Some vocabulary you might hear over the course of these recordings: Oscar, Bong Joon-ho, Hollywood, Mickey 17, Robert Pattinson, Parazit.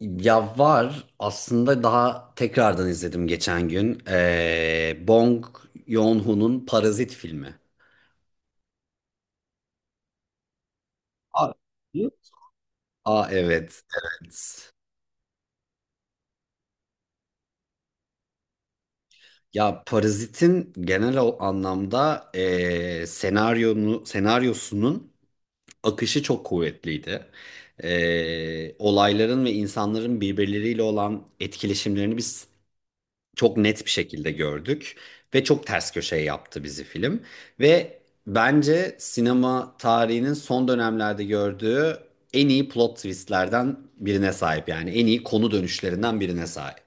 Ya var aslında daha tekrardan izledim geçen gün. Bong Joon-ho'nun Parazit filmi. Aa, iyi. Aa evet, evet. Ya Parazit'in genel anlamda senaryosunun akışı çok kuvvetliydi. Olayların ve insanların birbirleriyle olan etkileşimlerini biz çok net bir şekilde gördük ve çok ters köşe yaptı bizi film ve bence sinema tarihinin son dönemlerde gördüğü en iyi plot twistlerden birine sahip, yani en iyi konu dönüşlerinden birine sahip.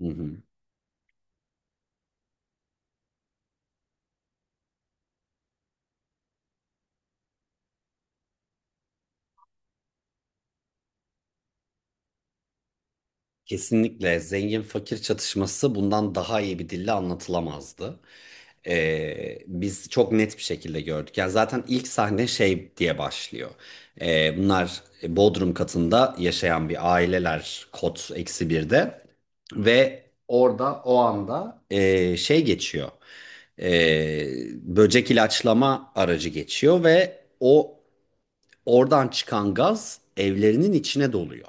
Hı hı. Kesinlikle zengin fakir çatışması bundan daha iyi bir dille anlatılamazdı. Biz çok net bir şekilde gördük. Yani zaten ilk sahne şey diye başlıyor. Bunlar Bodrum katında yaşayan bir aileler kod eksi birde ve orada o anda şey geçiyor. Ee, böcek ilaçlama aracı geçiyor ve oradan çıkan gaz evlerinin içine doluyor.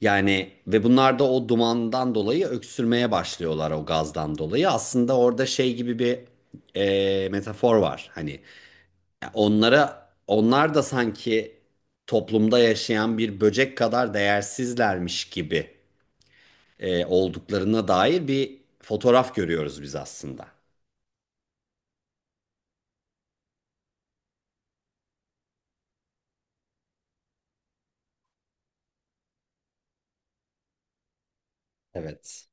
Yani ve bunlar da o dumandan dolayı öksürmeye başlıyorlar o gazdan dolayı. Aslında orada şey gibi bir metafor var. Hani onlar da sanki toplumda yaşayan bir böcek kadar değersizlermiş gibi olduklarına dair bir fotoğraf görüyoruz biz aslında. Evet.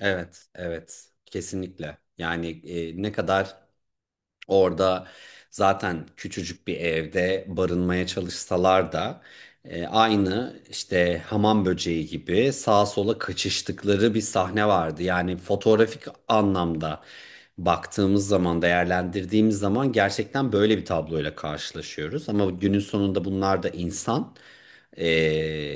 Evet, evet. Kesinlikle. Yani ne kadar orada zaten küçücük bir evde barınmaya çalışsalar da aynı işte hamam böceği gibi sağa sola kaçıştıkları bir sahne vardı. Yani fotoğrafik anlamda baktığımız zaman, değerlendirdiğimiz zaman gerçekten böyle bir tabloyla karşılaşıyoruz. Ama günün sonunda bunlar da insan. E,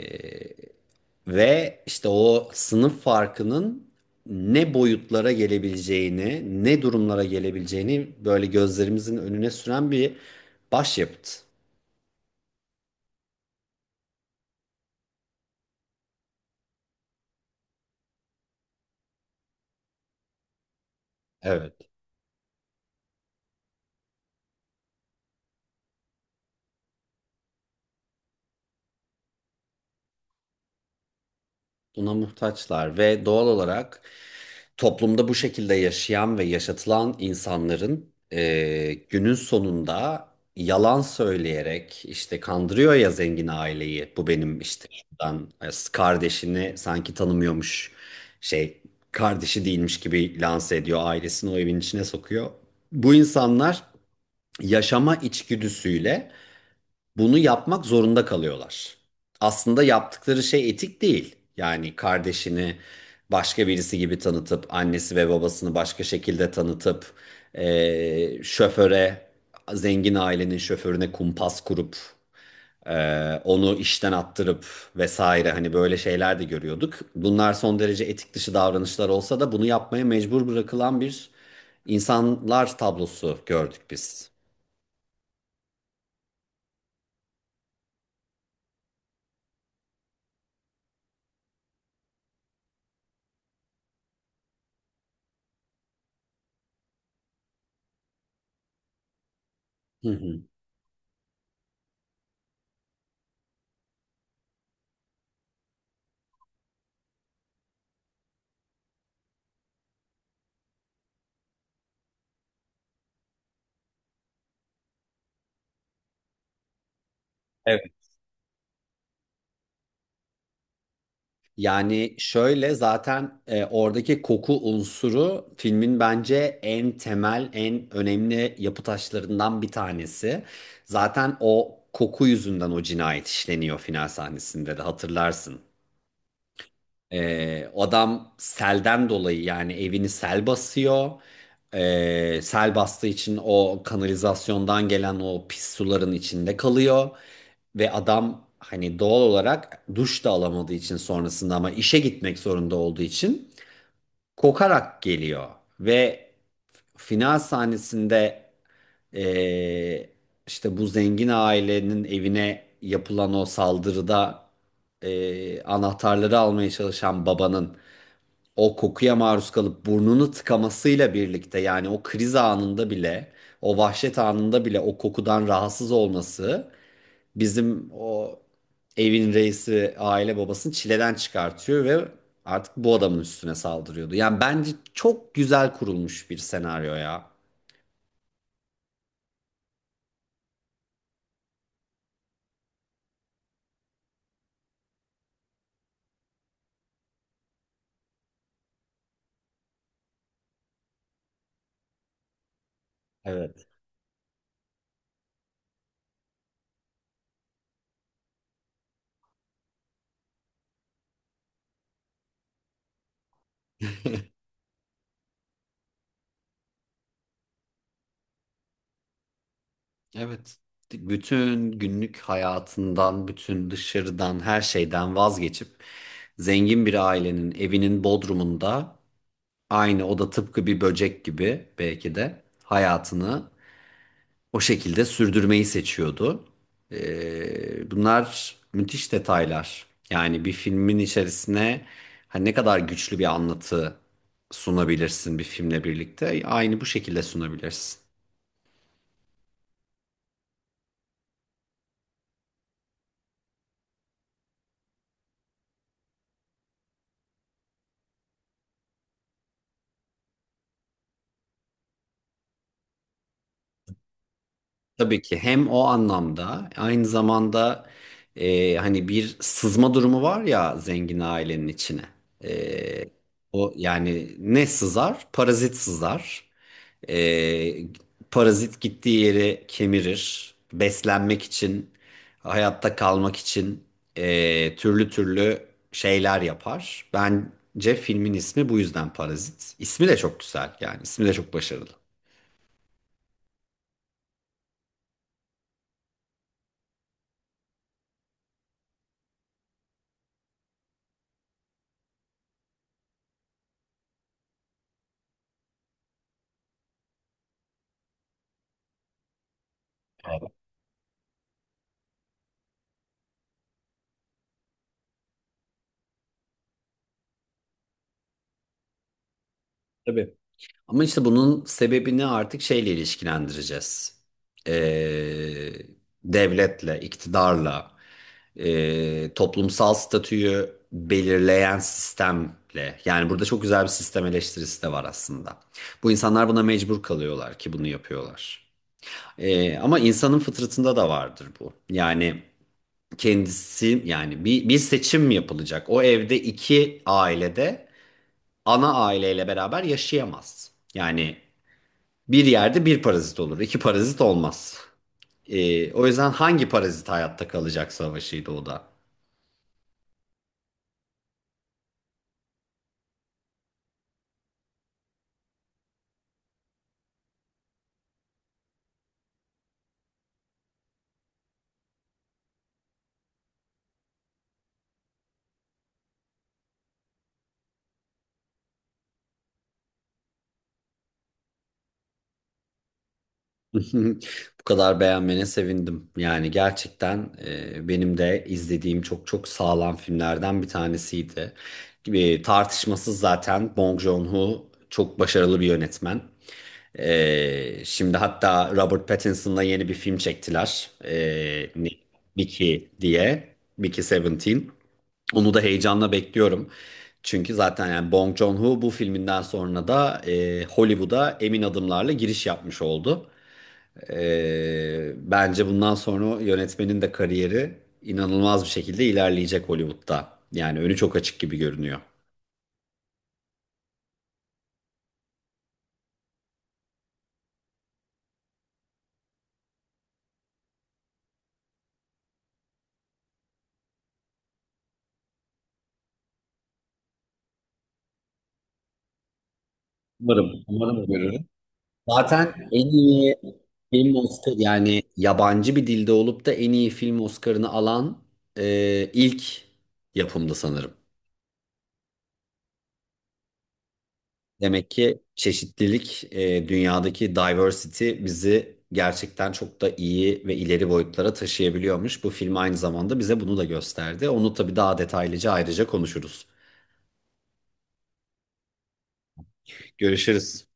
ve işte o sınıf farkının ne boyutlara gelebileceğini, ne durumlara gelebileceğini böyle gözlerimizin önüne süren bir başyapıt. Evet. Buna muhtaçlar ve doğal olarak toplumda bu şekilde yaşayan ve yaşatılan insanların günün sonunda yalan söyleyerek işte kandırıyor ya zengin aileyi. Bu benim işte şuradan kardeşini sanki tanımıyormuş şey kardeşi değilmiş gibi lanse ediyor. Ailesini o evin içine sokuyor. Bu insanlar yaşama içgüdüsüyle bunu yapmak zorunda kalıyorlar. Aslında yaptıkları şey etik değil. Yani kardeşini başka birisi gibi tanıtıp annesi ve babasını başka şekilde tanıtıp şoföre zengin ailenin şoförüne kumpas kurup onu işten attırıp vesaire hani böyle şeyler de görüyorduk. Bunlar son derece etik dışı davranışlar olsa da bunu yapmaya mecbur bırakılan bir insanlar tablosu gördük biz. Hı hı. Evet. Yani şöyle zaten oradaki koku unsuru filmin bence en temel, en önemli yapı taşlarından bir tanesi. Zaten o koku yüzünden o cinayet işleniyor final sahnesinde de hatırlarsın. Adam selden dolayı yani evini sel basıyor. Sel bastığı için o kanalizasyondan gelen o pis suların içinde kalıyor. Ve adam hani doğal olarak duş da alamadığı için sonrasında ama işe gitmek zorunda olduğu için kokarak geliyor ve final sahnesinde eee, işte bu zengin ailenin evine yapılan o saldırıda anahtarları almaya çalışan babanın o kokuya maruz kalıp burnunu tıkamasıyla birlikte yani o kriz anında bile o vahşet anında bile o kokudan rahatsız olması bizim o evin reisi aile babasını çileden çıkartıyor ve artık bu adamın üstüne saldırıyordu. Yani bence çok güzel kurulmuş bir senaryo ya. Evet. Evet. Bütün günlük hayatından, bütün dışarıdan, her şeyden vazgeçip zengin bir ailenin evinin bodrumunda aynı o da tıpkı bir böcek gibi belki de hayatını o şekilde sürdürmeyi seçiyordu. Bunlar müthiş detaylar. Yani bir filmin içerisine hani ne kadar güçlü bir anlatı sunabilirsin bir filmle birlikte. Aynı bu şekilde sunabilirsin. Tabii ki hem o anlamda aynı zamanda hani bir sızma durumu var ya zengin ailenin içine. E, o yani ne sızar? Parazit sızar. E, parazit gittiği yeri kemirir. Beslenmek için, hayatta kalmak için türlü türlü şeyler yapar. Bence filmin ismi bu yüzden Parazit. İsmi de çok güzel, yani ismi de çok başarılı. Tabii. Ama işte bunun sebebini artık şeyle ilişkilendireceğiz. Ee, devletle, iktidarla, toplumsal statüyü belirleyen sistemle. Yani burada çok güzel bir sistem eleştirisi de var aslında. Bu insanlar buna mecbur kalıyorlar ki bunu yapıyorlar. Ama insanın fıtratında da vardır bu. Yani kendisi yani bir seçim yapılacak. O evde iki ailede ana aileyle beraber yaşayamaz. Yani bir yerde bir parazit olur, iki parazit olmaz. O yüzden hangi parazit hayatta kalacak savaşıydı o da. Bu kadar beğenmene sevindim. Yani gerçekten benim de izlediğim çok çok sağlam filmlerden bir tanesiydi. Tartışmasız zaten Bong Joon-ho çok başarılı bir yönetmen. Şimdi hatta Robert Pattinson'la yeni bir film çektiler. Mickey diye. Mickey 17. Onu da heyecanla bekliyorum. Çünkü zaten yani Bong Joon-ho bu filminden sonra da Hollywood'a emin adımlarla giriş yapmış oldu. Bence bundan sonra yönetmenin de kariyeri inanılmaz bir şekilde ilerleyecek Hollywood'da. Yani önü çok açık gibi görünüyor. Umarım, umarım görürüm. Zaten en iyi film Oscar yani yabancı bir dilde olup da en iyi film Oscar'ını alan ilk yapımdı sanırım. Demek ki çeşitlilik, dünyadaki diversity bizi gerçekten çok da iyi ve ileri boyutlara taşıyabiliyormuş. Bu film aynı zamanda bize bunu da gösterdi. Onu tabii daha detaylıca ayrıca konuşuruz. Görüşürüz.